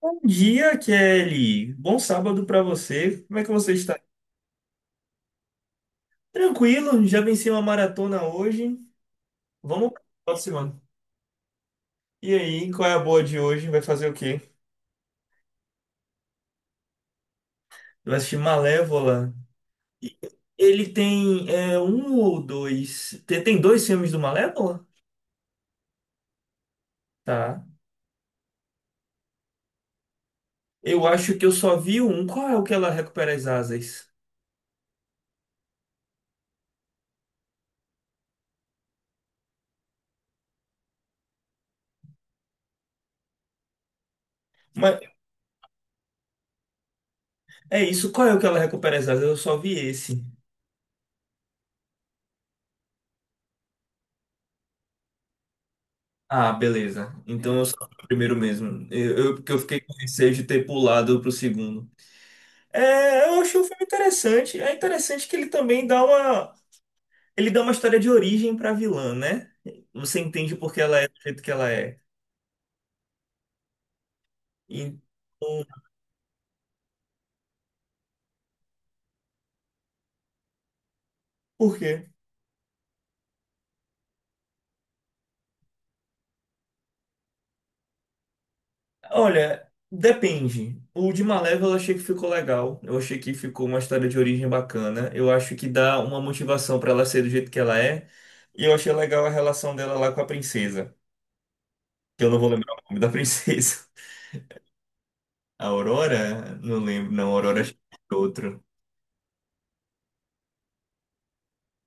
Bom dia, Kelly. Bom sábado para você. Como é que você está? Tranquilo, já venci uma maratona hoje. Vamos para a próxima. E aí, qual é a boa de hoje? Vai fazer o quê? Vai assistir Malévola. E Ele tem um ou dois. Tem dois filmes do Malévola? Tá. Eu acho que eu só vi um. Qual é o que ela recupera as asas? Mas é isso, qual é o que ela recupera as asas? Eu só vi esse. Ah, beleza. Então eu só o primeiro mesmo. Porque eu fiquei com receio de ter pulado pro segundo. É, eu achei o filme interessante. É interessante que ele também dá uma. Ele dá uma história de origem pra vilã, né? Você entende por que ela é do jeito que ela é. Então, por quê? Olha, depende. O de Malévola eu achei que ficou legal. Eu achei que ficou uma história de origem bacana. Eu acho que dá uma motivação pra ela ser do jeito que ela é. E eu achei legal a relação dela lá com a princesa, que eu não vou lembrar o nome da princesa. A Aurora? Não lembro, não, a Aurora acho que é outro.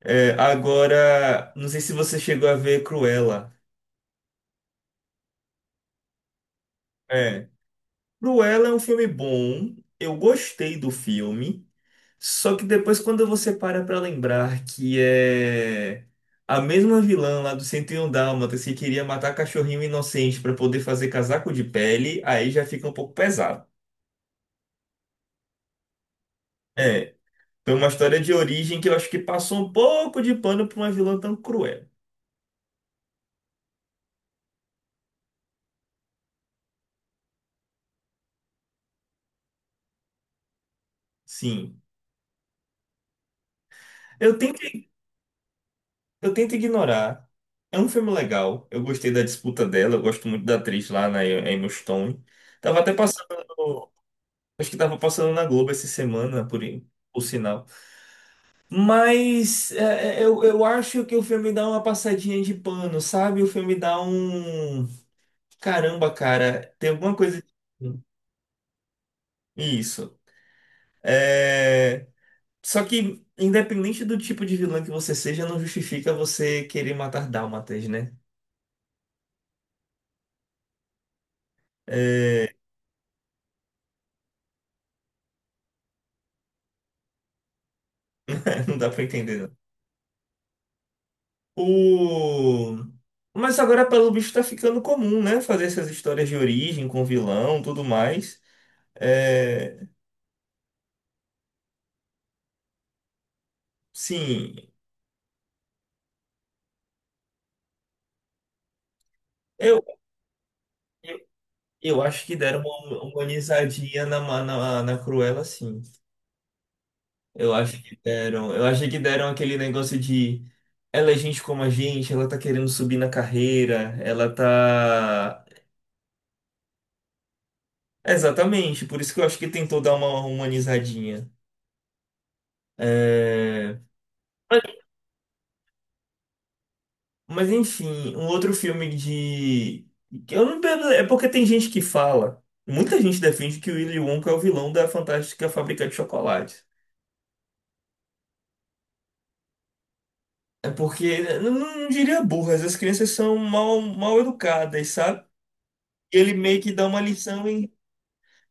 É, agora, não sei se você chegou a ver Cruella. É. Cruella é um filme bom, eu gostei do filme, só que depois quando você para pra lembrar que é a mesma vilã lá do 101 Dálmatas que queria matar cachorrinho inocente pra poder fazer casaco de pele, aí já fica um pouco pesado. É, foi uma história de origem que eu acho que passou um pouco de pano pra uma vilã tão cruel. Sim. Eu tento, eu tento ignorar. É um filme legal. Eu gostei da disputa dela. Eu gosto muito da atriz lá, na Emma Stone. Tava até passando. Acho que tava passando na Globo essa semana, por sinal. Mas eu acho que o filme dá uma passadinha de pano, sabe? O filme dá um. Caramba, cara, tem alguma coisa. Isso. É, só que, independente do tipo de vilã que você seja, não justifica você querer matar dálmatas, né? Não dá pra entender, não. O... Mas agora, pelo bicho, tá ficando comum, né? Fazer essas histórias de origem com vilão, tudo mais. É... Sim, eu, eu, eu acho que deram uma humanizadinha na Cruella, sim. Eu acho que deram. Eu achei que deram aquele negócio de ela é gente como a gente, ela tá querendo subir na carreira, ela tá. Exatamente, por isso que eu acho que tentou dar uma humanizadinha. É... Mas enfim, um outro filme de... que eu não... É porque tem gente que fala. Muita gente defende que o Willy Wonka é o vilão da Fantástica Fábrica de Chocolate. É porque, eu não, não diria burras, as crianças são mal educadas, sabe? Ele meio que dá uma lição em...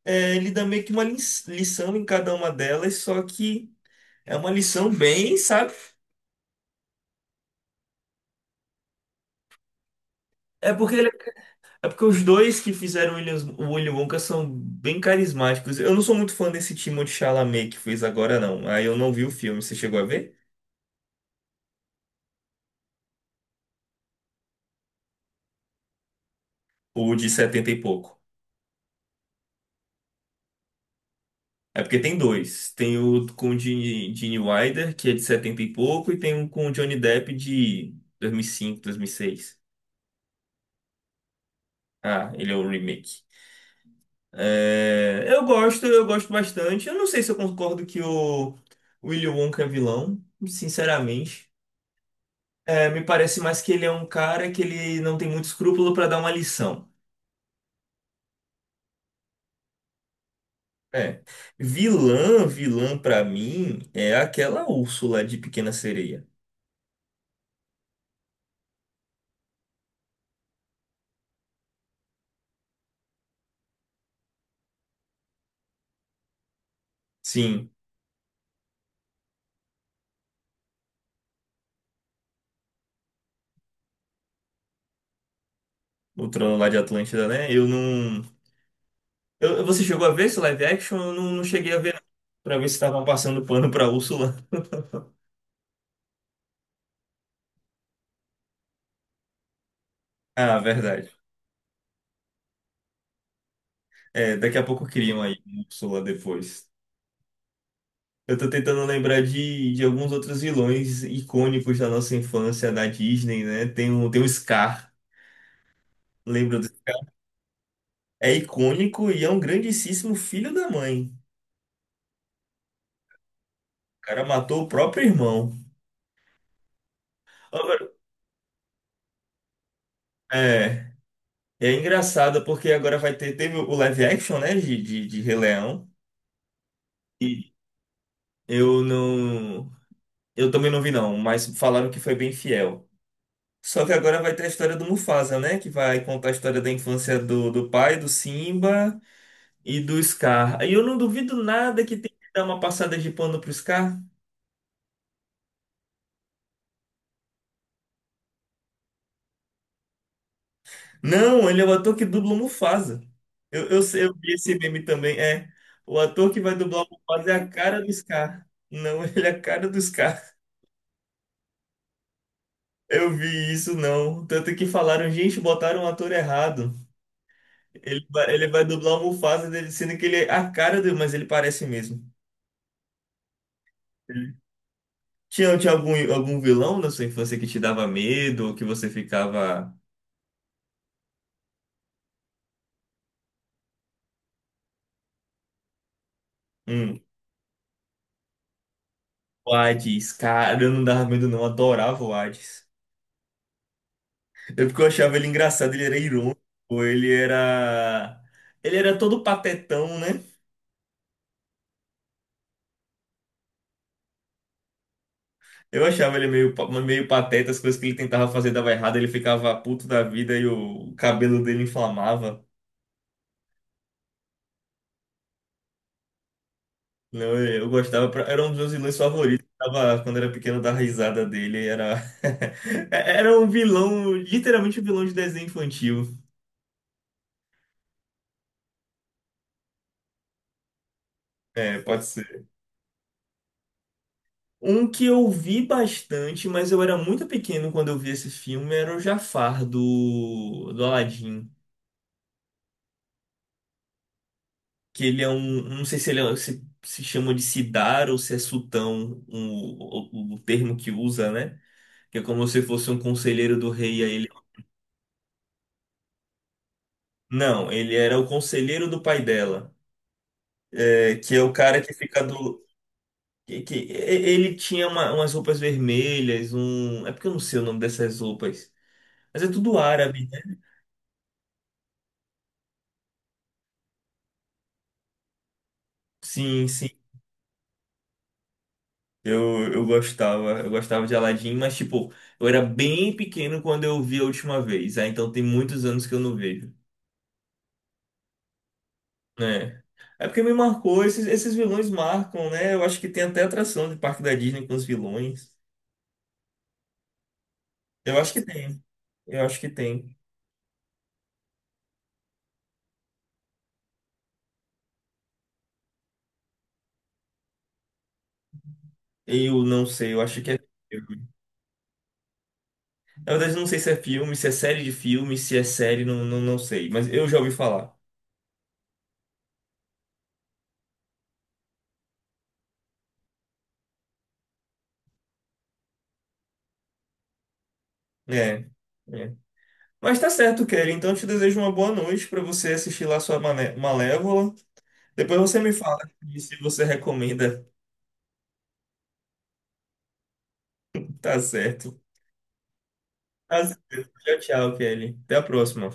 Ele dá meio que uma lição em cada uma delas, só que é uma lição bem, sabe? É porque É porque os dois que fizeram o o Willy Wonka são bem carismáticos. Eu não sou muito fã desse Timothée Chalamet que fez agora, não. Aí eu não vi o filme. Você chegou a ver? O de setenta e pouco. É porque tem dois. Tem o com o Gene Wilder, que é de 70 e pouco, e tem um com o Johnny Depp de 2005, seis. Ah, ele é o remake. É, eu gosto bastante. Eu não sei se eu concordo que o Willy Wonka é vilão, sinceramente. É, me parece mais que ele é um cara que ele não tem muito escrúpulo pra dar uma lição. É. Vilã, vilã pra mim é aquela Úrsula de Pequena Sereia. Sim, o trono lá de Atlântida, né? Eu não. eu- Você chegou a ver esse live action? Eu não, não cheguei a ver, não. Pra ver se estavam passando pano pra Úrsula. Ah, verdade. É, daqui a pouco criam aí Úrsula depois. Eu tô tentando lembrar de alguns outros vilões icônicos da nossa infância na Disney, né? Tem o Scar. Lembra do... É icônico e é um grandíssimo filho da mãe. O cara matou o próprio irmão. Agora, É, é engraçado porque agora vai ter, teve o live action, né, de Rei Leão. E eu não. Eu também não vi, não, mas falaram que foi bem fiel. Só que agora vai ter a história do Mufasa, né? Que vai contar a história da infância do pai, do Simba e do Scar. E eu não duvido nada que tem que dar uma passada de pano pro Scar. Não, ele é o ator que dubla o Mufasa. Eu vi esse meme também. É, o ator que vai dublar o Mufasa é a cara do Scar. Não, ele é a cara do Scar. Eu vi isso, não. Tanto que falaram, gente, botaram um ator errado. Ele vai dublar o Mufasa, dele, sendo que ele é a cara dele, mas ele parece mesmo. Ele- tinha algum vilão na sua infância que te dava medo, ou que você ficava... Hum, o Hades, cara, eu não dava medo não, adorava o Hades. É porque eu achava ele engraçado, ele era irônico, ele era. ele era todo patetão, né? Eu achava ele meio pateta, as coisas que ele tentava fazer dava errado, ele ficava puto da vida e o cabelo dele inflamava. Não, eu gostava, era um dos meus vilões favoritos. Tava, quando era pequeno, eu dava risada dele. Era, era um vilão, literalmente um vilão de desenho infantil. É, pode ser. Um que eu vi bastante, mas eu era muito pequeno quando eu vi esse filme, era o Jafar do Aladdin. Que ele é um, não sei se se chama de Sidar ou se é Sultão, o termo que usa, né? Que é como se fosse um conselheiro do rei, aí ele... Não, ele era o conselheiro do pai dela, que é o cara que fica do... Que, que- e- Ele tinha umas roupas vermelhas, um... É porque eu não sei o nome dessas roupas, mas é tudo árabe, né? Sim, sim. Eu gostava de Aladdin, mas tipo, eu era bem pequeno quando eu vi a última vez, ah, então tem muitos anos que eu não vejo. É. É porque me marcou, esses vilões marcam, né? Eu acho que tem até atração de parque da Disney com os vilões. Eu acho que tem. Eu acho que tem. Eu não sei, eu acho que é filme. Na verdade, eu não sei se é filme, se é série de filme, se é série, não, não, não sei. Mas eu já ouvi falar. É, é. Mas tá certo, Kelly. Então eu te desejo uma boa noite pra você assistir lá sua Malévola. Depois você me fala e se você recomenda. Tá certo. Tá certo. Tchau, tchau, Kelly. Até a próxima.